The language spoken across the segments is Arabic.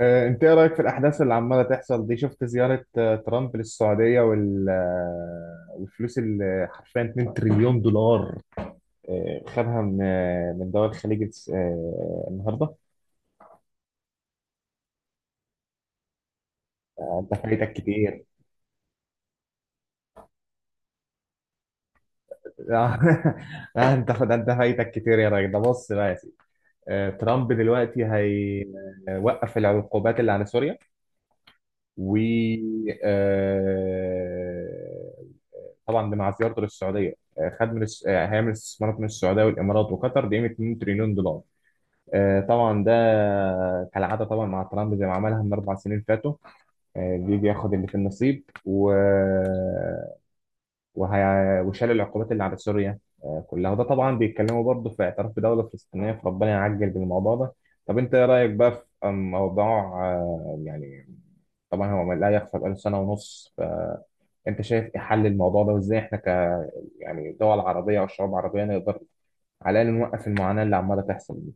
انت ايه رايك في الاحداث اللي عماله تحصل دي؟ شفت زياره ترامب للسعوديه وال آه، والفلوس اللي حرفيا 2 تريليون دولار خدها من من دول الخليج النهارده؟ انت فايتك كتير. آه، انت فايتك كتير يا راجل. ده بص بقى يا سيدي، ترامب دلوقتي هيوقف العقوبات اللي على سوريا و آه، طبعا ده مع زيارته للسعوديه، آه، خد من الس- آه، هيعمل استثمارات من السعوديه والامارات وقطر بقيمه 2 تريليون دولار. طبعا ده كالعاده طبعا مع ترامب، زي ما عملها من 4 سنين فاتوا. بيجي ياخد اللي في النصيب وهي... وشال العقوبات اللي على سوريا كلها، وده طبعا بيتكلموا برضه في اعتراف بدوله فلسطينيه، فربنا يعجل بالموضوع ده. طب انت ايه رايك بقى في موضوع يعني طبعا هو لا يخفى، بقاله 1.5 سنه. فانت شايف ايه حل الموضوع ده، وازاي احنا يعني دول عربية أو شعوب عربية نقدر على الأقل نوقف المعاناة اللي عمالة تحصل دي؟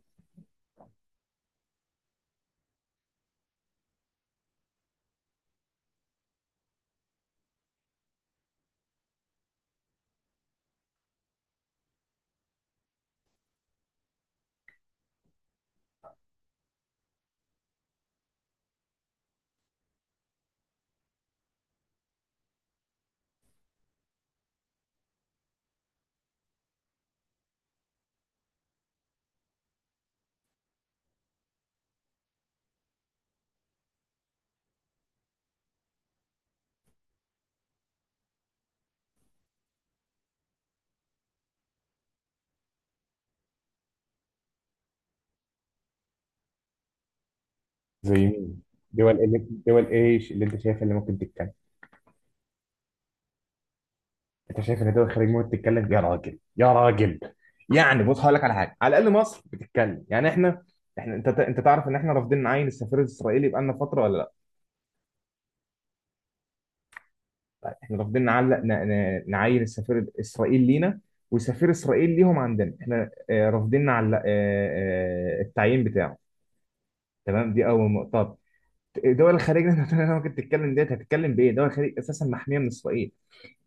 زي مين؟ دول اللي دول إيش اللي أنت شايف اللي ممكن تتكلم؟ أنت شايف إن دول الخليج ممكن تتكلم؟ يا راجل، يعني بص هقول لك على حاجة: على الأقل مصر بتتكلم. يعني إحنا أنت تعرف إن إحنا رافضين نعين السفير الإسرائيلي بقالنا فترة ولا لأ؟ إحنا رافضين نعلق نعين السفير الإسرائيلي لينا، وسفير إسرائيل ليهم عندنا. إحنا رافضين نعلق التعيين بتاعه. تمام، دي أول نقطة. دول الخليج اللي انت ممكن تتكلم ديت هتتكلم بايه؟ دول الخليج اساسا محميه من اسرائيل.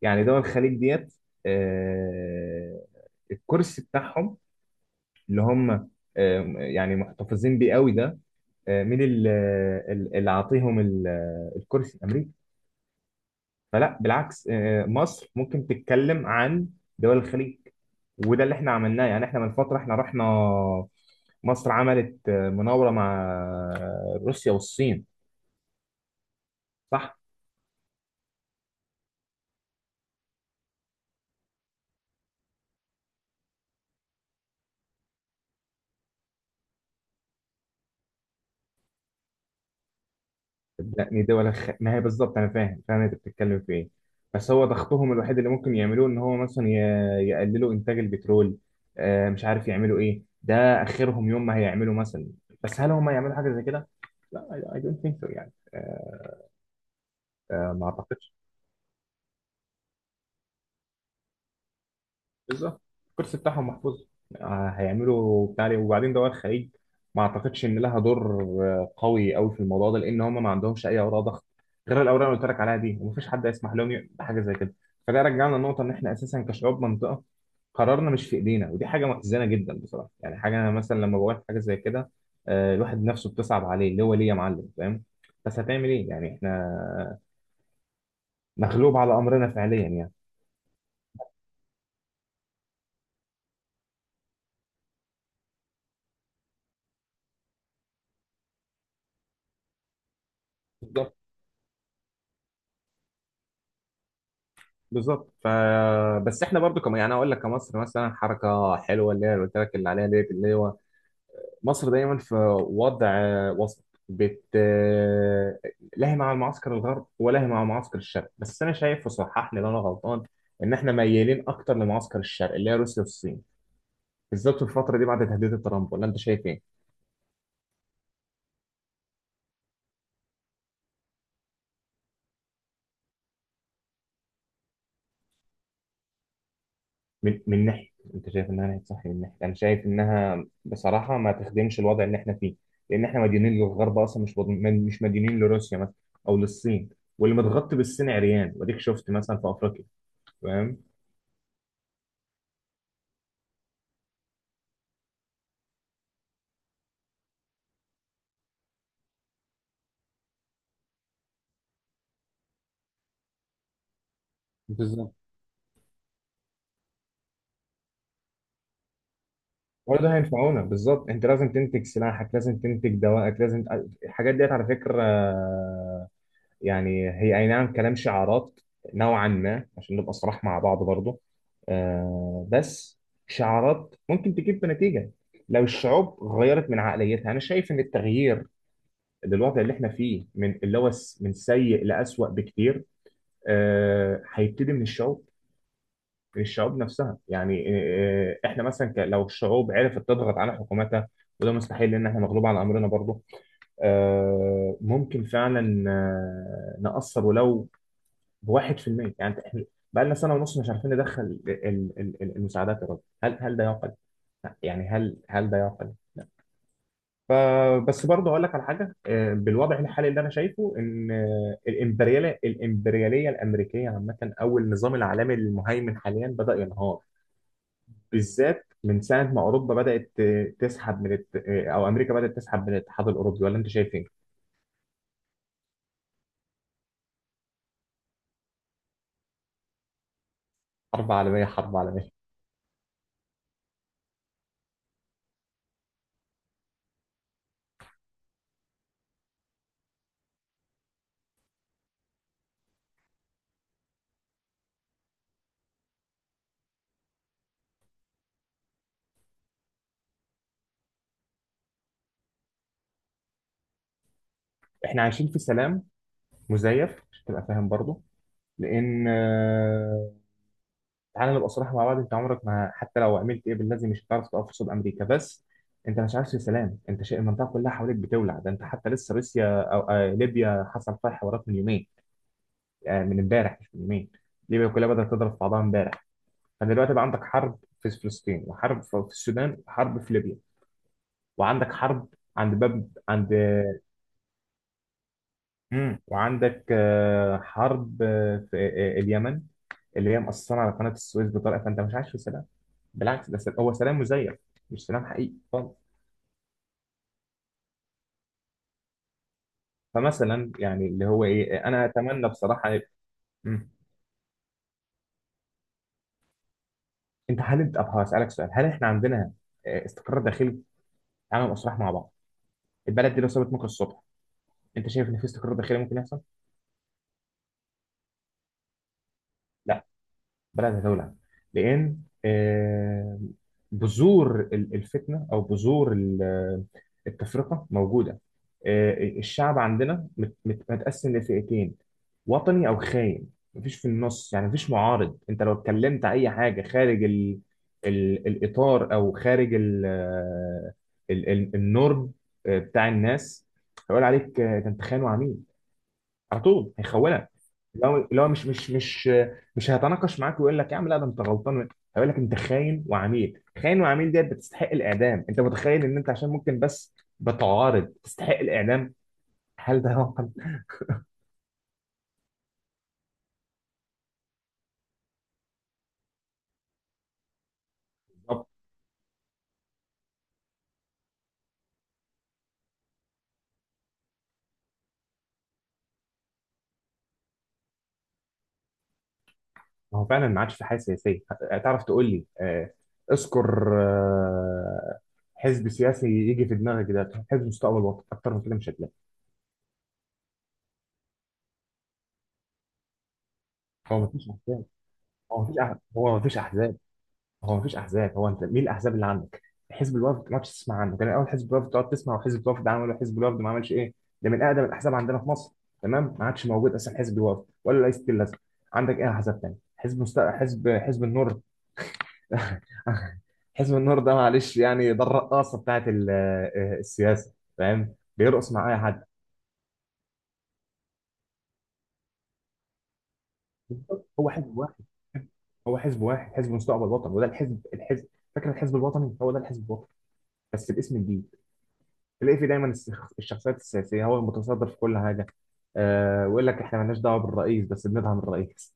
يعني دول الخليج ديت، آه، الكرسي بتاعهم اللي هم يعني محتفظين بيه قوي ده، مين اللي عاطيهم الكرسي؟ امريكا. فلا، بالعكس، مصر ممكن تتكلم عن دول الخليج. وده اللي احنا عملناه، يعني احنا من فتره احنا رحنا، مصر عملت مناوره مع روسيا والصين. صح. لا دي ولا خ... ما هي بالظبط انا فاهم، فاهم انت بتتكلم في ايه. بس هو ضغطهم الوحيد اللي ممكن يعملوه ان هو مثلا يقللوا انتاج البترول. آه مش عارف يعملوا ايه، ده اخرهم يوم ما هيعملوا مثلا، بس هل هم يعملوا حاجه زي كده؟ لا، I don't think so. يعني آه، ما اعتقدش. بالظبط، الكرسي بتاعهم محفوظ. هيعملوا بتاع ليه؟ وبعدين دول الخليج ما اعتقدش ان لها دور قوي في الموضوع ده، لان هم ما عندهمش اي اوراق ضغط غير الاوراق اللي قلت لك عليها دي، ومفيش حد يسمح لهم يعمل حاجه زي كده. فده رجعنا للنقطه ان احنا اساسا كشعوب منطقه، قرارنا مش في ايدينا، ودي حاجه محزنه جدا بصراحه. يعني حاجه انا مثلا لما بقول حاجه زي كده، الواحد نفسه بتصعب عليه، اللي هو ليه يا معلم؟ فاهم؟ بس هتعمل ايه يعني؟ احنا مغلوب على امرنا فعليا يعني. بالظبط. بالظبط. بس احنا برضو كم، يعني اقول لك كمصر مثلا حركه حلوه اللي هي اللي قلت لك اللي عليها ديت، اللي هو مصر دايما في وضع وسط، بت لاهي مع المعسكر الغرب ولاهي مع معسكر الشرق. بس انا شايف، وصحح لي لو انا غلطان، ان احنا ميالين اكتر لمعسكر الشرق اللي هي روسيا والصين، بالذات في الفتره دي بعد تهديد ترامب. ولا انت شايف ايه؟ من ناحيه انت شايف انها ناحيه صح، من ناحيه انا شايف انها بصراحه ما تخدمش الوضع اللي احنا فيه، لان احنا مديونين للغرب اصلا، مش مديونين لروسيا مثلا او للصين. واللي متغطي بالصين عريان، واديك شفت مثلا في افريقيا. فاهم. بالظبط. برضه هينفعونا، بالظبط. انت لازم تنتج سلاحك، لازم تنتج دوائك، لازم. الحاجات ديت على فكره يعني هي أي نعم كلام شعارات نوعا ما، عشان نبقى صراح مع بعض برضه، آه. بس شعارات ممكن تجيب بنتيجة لو الشعوب غيرت من عقليتها. أنا شايف إن التغيير للوضع اللي إحنا فيه، من اللي هو من سيء لأسوأ بكتير، آه هيبتدي من الشعوب، من الشعوب نفسها. يعني إحنا مثلا لو الشعوب عرفت تضغط على حكوماتها، وده مستحيل لأن إحنا مغلوب على أمرنا برضه، ممكن فعلا نأثر ولو بـ1%. يعني احنا بقى لنا 1.5 سنة مش عارفين ندخل المساعدات يا راجل، هل ده يعقل؟ لا، يعني هل ده يعقل؟ فبس برضه اقول لك على حاجه: بالوضع الحالي اللي انا شايفه ان الامبرياليه الامريكيه عامه، او النظام العالمي المهيمن حاليا بدا ينهار، بالذات من ساعه ما اوروبا بدات آه، تسحب من الت... آه، او امريكا بدات تسحب من الاتحاد الاوروبي. ولا انت شايف ايه؟ حرب عالميه، حرب عالميه. احنا عايشين في سلام مزيف، عشان تبقى فاهم برضه، لان تعالى نبقى صراحة مع بعض، انت عمرك ما حتى لو عملت ايه باللازم مش هتعرف تقف قصاد امريكا. بس انت مش عارف في سلام، انت شايف المنطقه كلها حواليك بتولع؟ ده انت حتى لسه روسيا او آه ليبيا حصل فيها حوارات من يومين، آه من امبارح مش من يومين. ليبيا كلها بدات تضرب في بعضها امبارح. فدلوقتي بقى عندك حرب في فلسطين، وحرب في السودان، وحرب في ليبيا، وعندك حرب عند باب عند. وعندك حرب آه، في آه، آه، اليمن، اللي هي مأثرة على قناة السويس بطريقة. فأنت مش عايش في سلام، بالعكس، ده هو سلام مزيف، مش سلام حقيقي خالص. فمثلا يعني اللي هو إيه، أنا أتمنى بصراحة. مم. أنت أبقى هسألك سؤال: هل إحنا عندنا استقرار داخلي؟ عامل أسراح مع بعض، البلد دي لو سابت ممكن الصبح. أنت شايف إن في استقرار داخلي ممكن يحصل؟ لا. بدأت أتولع، لأن آه، بذور الفتنة، أو بذور التفرقة موجودة. آه، الشعب عندنا متقسم لفئتين، وطني أو خاين. مفيش في النص، يعني مفيش معارض. أنت لو اتكلمت أي حاجة خارج ال ال الإطار، أو خارج ال آه، ال ال النورم بتاع الناس، هيقول عليك ده أنت خاين وعميل، على طول هيخونك. لو لو مش مش مش مش هيتناقش معاك ويقول لك يا عم لا، ده انت غلطان. هيقول لك انت خاين وعميل، خاين وعميل ديت بتستحق الاعدام. انت متخيل ان انت عشان ممكن بس بتعارض تستحق الاعدام؟ هل ده واقع؟ بالظبط. ما هو فعلا ما عادش في حاجه سياسيه، تعرف تقول لي اذكر حزب سياسي يجي في دماغك، ده حزب مستقبل الوطن، اكتر من كده مش هتلاقي. هو ما فيش احزاب. هو ما فيش أح- هو ما فيش احزاب هو مفيش احزاب هو انت مين الاحزاب اللي عندك؟ حزب الوفد، ما كنتش تسمع عنه كان الاول؟ حزب الوفد تقعد تسمع، وحزب الوفد عمل، ولا حزب الوفد ما عملش ايه، ده من اقدم الاحزاب عندنا في مصر. تمام، ما عادش موجود اصلا حزب الوفد ولا رئيس الازمه. عندك ايه احزاب تاني؟ حزب النور. حزب النور ده معلش يعني، ده الرقاصه بتاعت السياسه، فاهم، بيرقص مع اي حد. هو حزب واحد، هو حزب واحد، حزب مستقبل الوطن، وده الحزب الحزب. فاكر الحزب الوطني؟ هو ده الحزب الوطني بس باسم جديد. تلاقي في دايما الشخصيات السياسيه هو المتصدر في كل حاجه، آه، ويقول لك احنا مالناش دعوه بالرئيس بس بندعم الرئيس.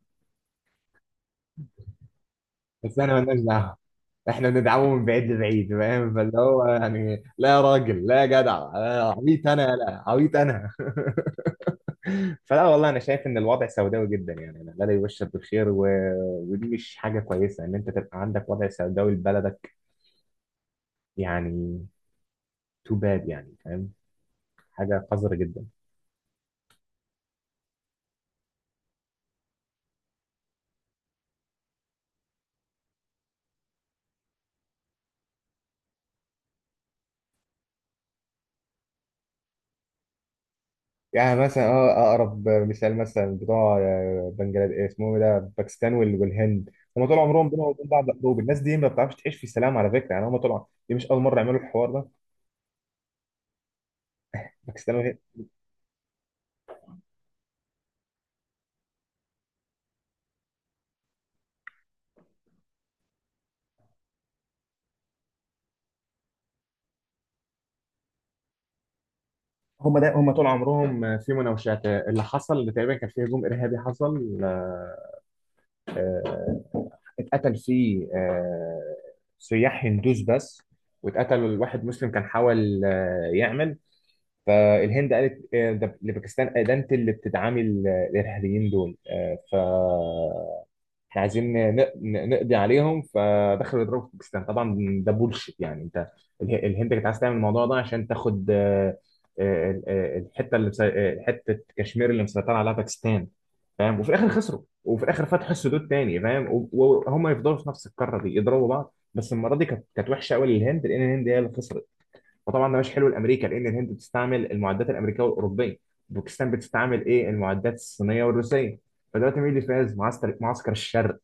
بس احنا مالناش دعوه، احنا بندعمه من بعيد لبعيد. فاهم؟ فاللي هو يعني لا يا راجل، لا يا جدع، عبيط انا؟ لا، عبيط انا. فلا والله انا شايف ان الوضع سوداوي جدا. يعني أنا لا، لا يبشر بالخير، ودي مش حاجه كويسه ان انت تبقى عندك وضع سوداوي لبلدك يعني. تو باد يعني، فاهم، حاجه قذره جدا. يعني مثلا، اه، اقرب مثال مثلا بتوع بنجلاديش اسمهم إيه ده، باكستان والهند. هم طول عمرهم بينهم وبين بعض حروب، الناس دي ما بتعرفش تعيش في السلام على فكره. يعني هم دي مش اول مره يعملوا الحوار ده، باكستان والهند. هم طول عمرهم في مناوشات. اللي حصل اللي تقريبا كان في هجوم ارهابي حصل، آه، اتقتل فيه سياح هندوس بس، واتقتل واحد مسلم كان حاول يعمل. فالهند قالت ده لباكستان، ده انت اللي بتدعمي الارهابيين دول، فاحنا عايزين نقضي عليهم. فدخلوا يضربوا في باكستان طبعا. ده بولشيت يعني، انت الهند كانت عايزه تعمل الموضوع ده عشان تاخد الحته اللي مسي- آه، حته كشمير اللي مسيطره عليها باكستان. فاهم؟ وفي الاخر خسروا، وفي الاخر فتحوا السدود تاني، فاهم، وهم يفضلوا في نفس القاره دي يضربوا بعض، بس المره دي كانت وحشه قوي للهند، لان الهند هي اللي خسرت. وطبعا ده مش حلو لامريكا، لان الهند بتستعمل المعدات الامريكيه والاوروبيه، باكستان بتستعمل ايه؟ المعدات الصينيه والروسيه. فدلوقتي مين اللي فاز؟ معسكر، معسكر الشر.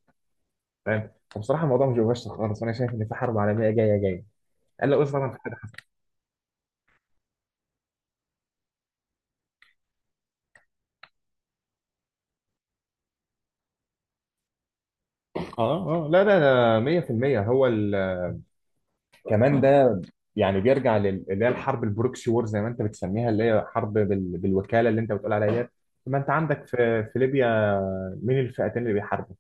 فاهم؟ فبصراحه الموضوع مش مباشر خالص، وانا شايف ان في حرب عالميه جايه. الا بس طبعا في حاجه حصلت. اه اه لا لا لا، 100% هو كمان ده يعني بيرجع اللي هي الحرب البروكسي وور زي ما انت بتسميها، اللي هي حرب بالوكاله اللي انت بتقول عليها ديت. ما انت عندك في ليبيا، مين الفئتين اللي بيحاربوا؟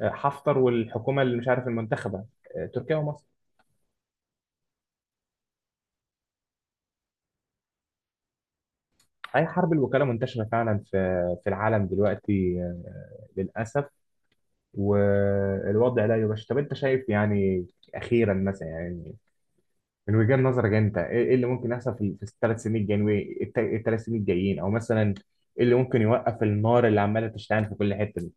حفتر والحكومه اللي مش عارف المنتخبه، تركيا ومصر. أي، حرب الوكالة منتشرة فعلا في العالم دلوقتي للأسف. والوضع لا يبشر. طب أنت شايف يعني أخيرا مثلا، يعني من وجهة نظرك أنت، إيه إيه اللي ممكن يحصل في الـ3 سنين الجايين؟ الـ3 سنين الجايين، أو مثلا إيه اللي ممكن يوقف النار اللي عمالة تشتعل في كل حتة دي؟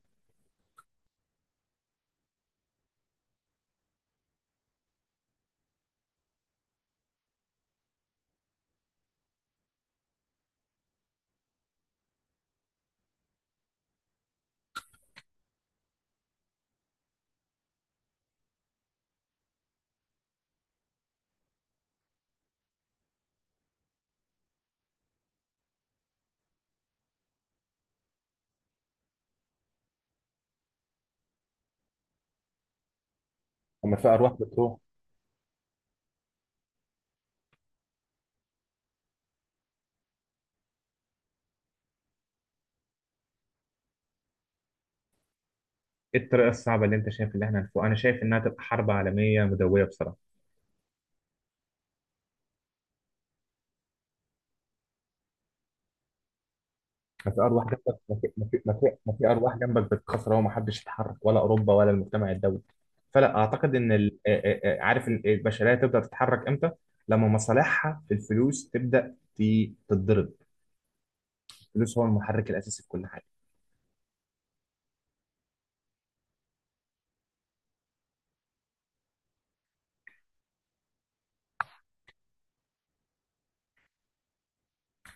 لما في أرواح بتروح، إيه الطريقة الصعبة اللي أنت شايف اللي إحنا هنفوق؟ أنا شايف إنها تبقى حرب عالمية مدوية بصراحة. ما في ارواح جنبك، ما في ارواح جنبك بتتكسر وما حدش يتحرك، ولا اوروبا ولا المجتمع الدولي. فلا اعتقد ان عارف البشريه تبدا تتحرك امتى؟ لما مصالحها في الفلوس تبدا تتضرب. الفلوس هو المحرك الاساسي في كل حاجه.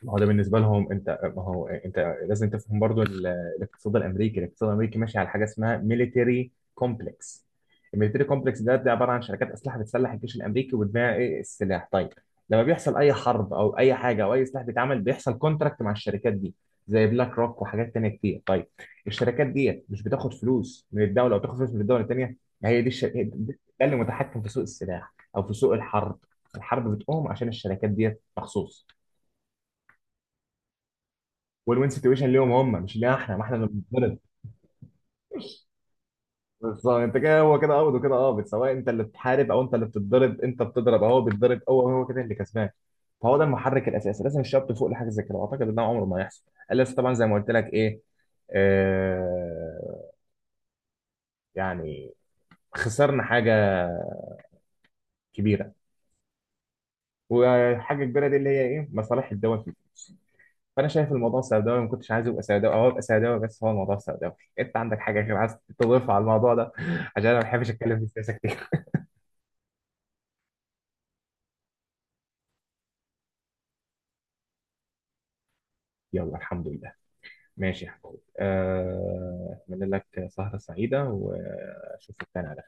ما هو ده بالنسبه لهم، انت، ما هو انت لازم تفهم برضو الاقتصاد الامريكي. الاقتصاد الامريكي ماشي على حاجه اسمها ميليتري كومبلكس. الميليتري كومبلكس ده عباره عن شركات اسلحه بتسلح الجيش الامريكي وتبيع ايه؟ السلاح. طيب، لما بيحصل اي حرب او اي حاجه او اي سلاح بيتعمل، بيحصل كونتراكت مع الشركات دي زي بلاك روك وحاجات تانية كتير. طيب، الشركات دي مش بتاخد فلوس من الدوله، او بتاخد فلوس من الدوله التانية؟ هي دي الشركه ده اللي متحكم في سوق السلاح او في سوق الحرب. الحرب بتقوم عشان الشركات دي مخصوص. وين وين سيتويشن ليهم هم، مش لينا احنا. ما احنا اللي بنتضرب. بالظبط. انت كده، هو كده قابض وكده قابض، سواء انت اللي بتحارب او انت اللي بتتضرب، انت بتضرب اهو، بيتضرب هو، هو كده اللي كسبان. فهو ده المحرك الاساسي. لازم الشباب تفوق لحاجه زي كده، واعتقد ان ده عمره ما هيحصل، الا إذا طبعا زي ما قلت لك ايه، آه، يعني خسرنا حاجه كبيره. والحاجه الكبيره دي اللي هي ايه؟ مصالح الدول في الفلوس. فانا شايف الموضوع سوداوي، ما كنتش عايز ابقى سوداوي، او ابقى سوداوي، بس هو الموضوع سوداوي. انت عندك حاجه غير عايز تضيفها على الموضوع ده؟ عشان انا ما بحبش اتكلم في السياسه كتير. يلا، الحمد لله. ماشي يا حبيبي، اتمنى لك سهره سعيده، واشوفك تاني على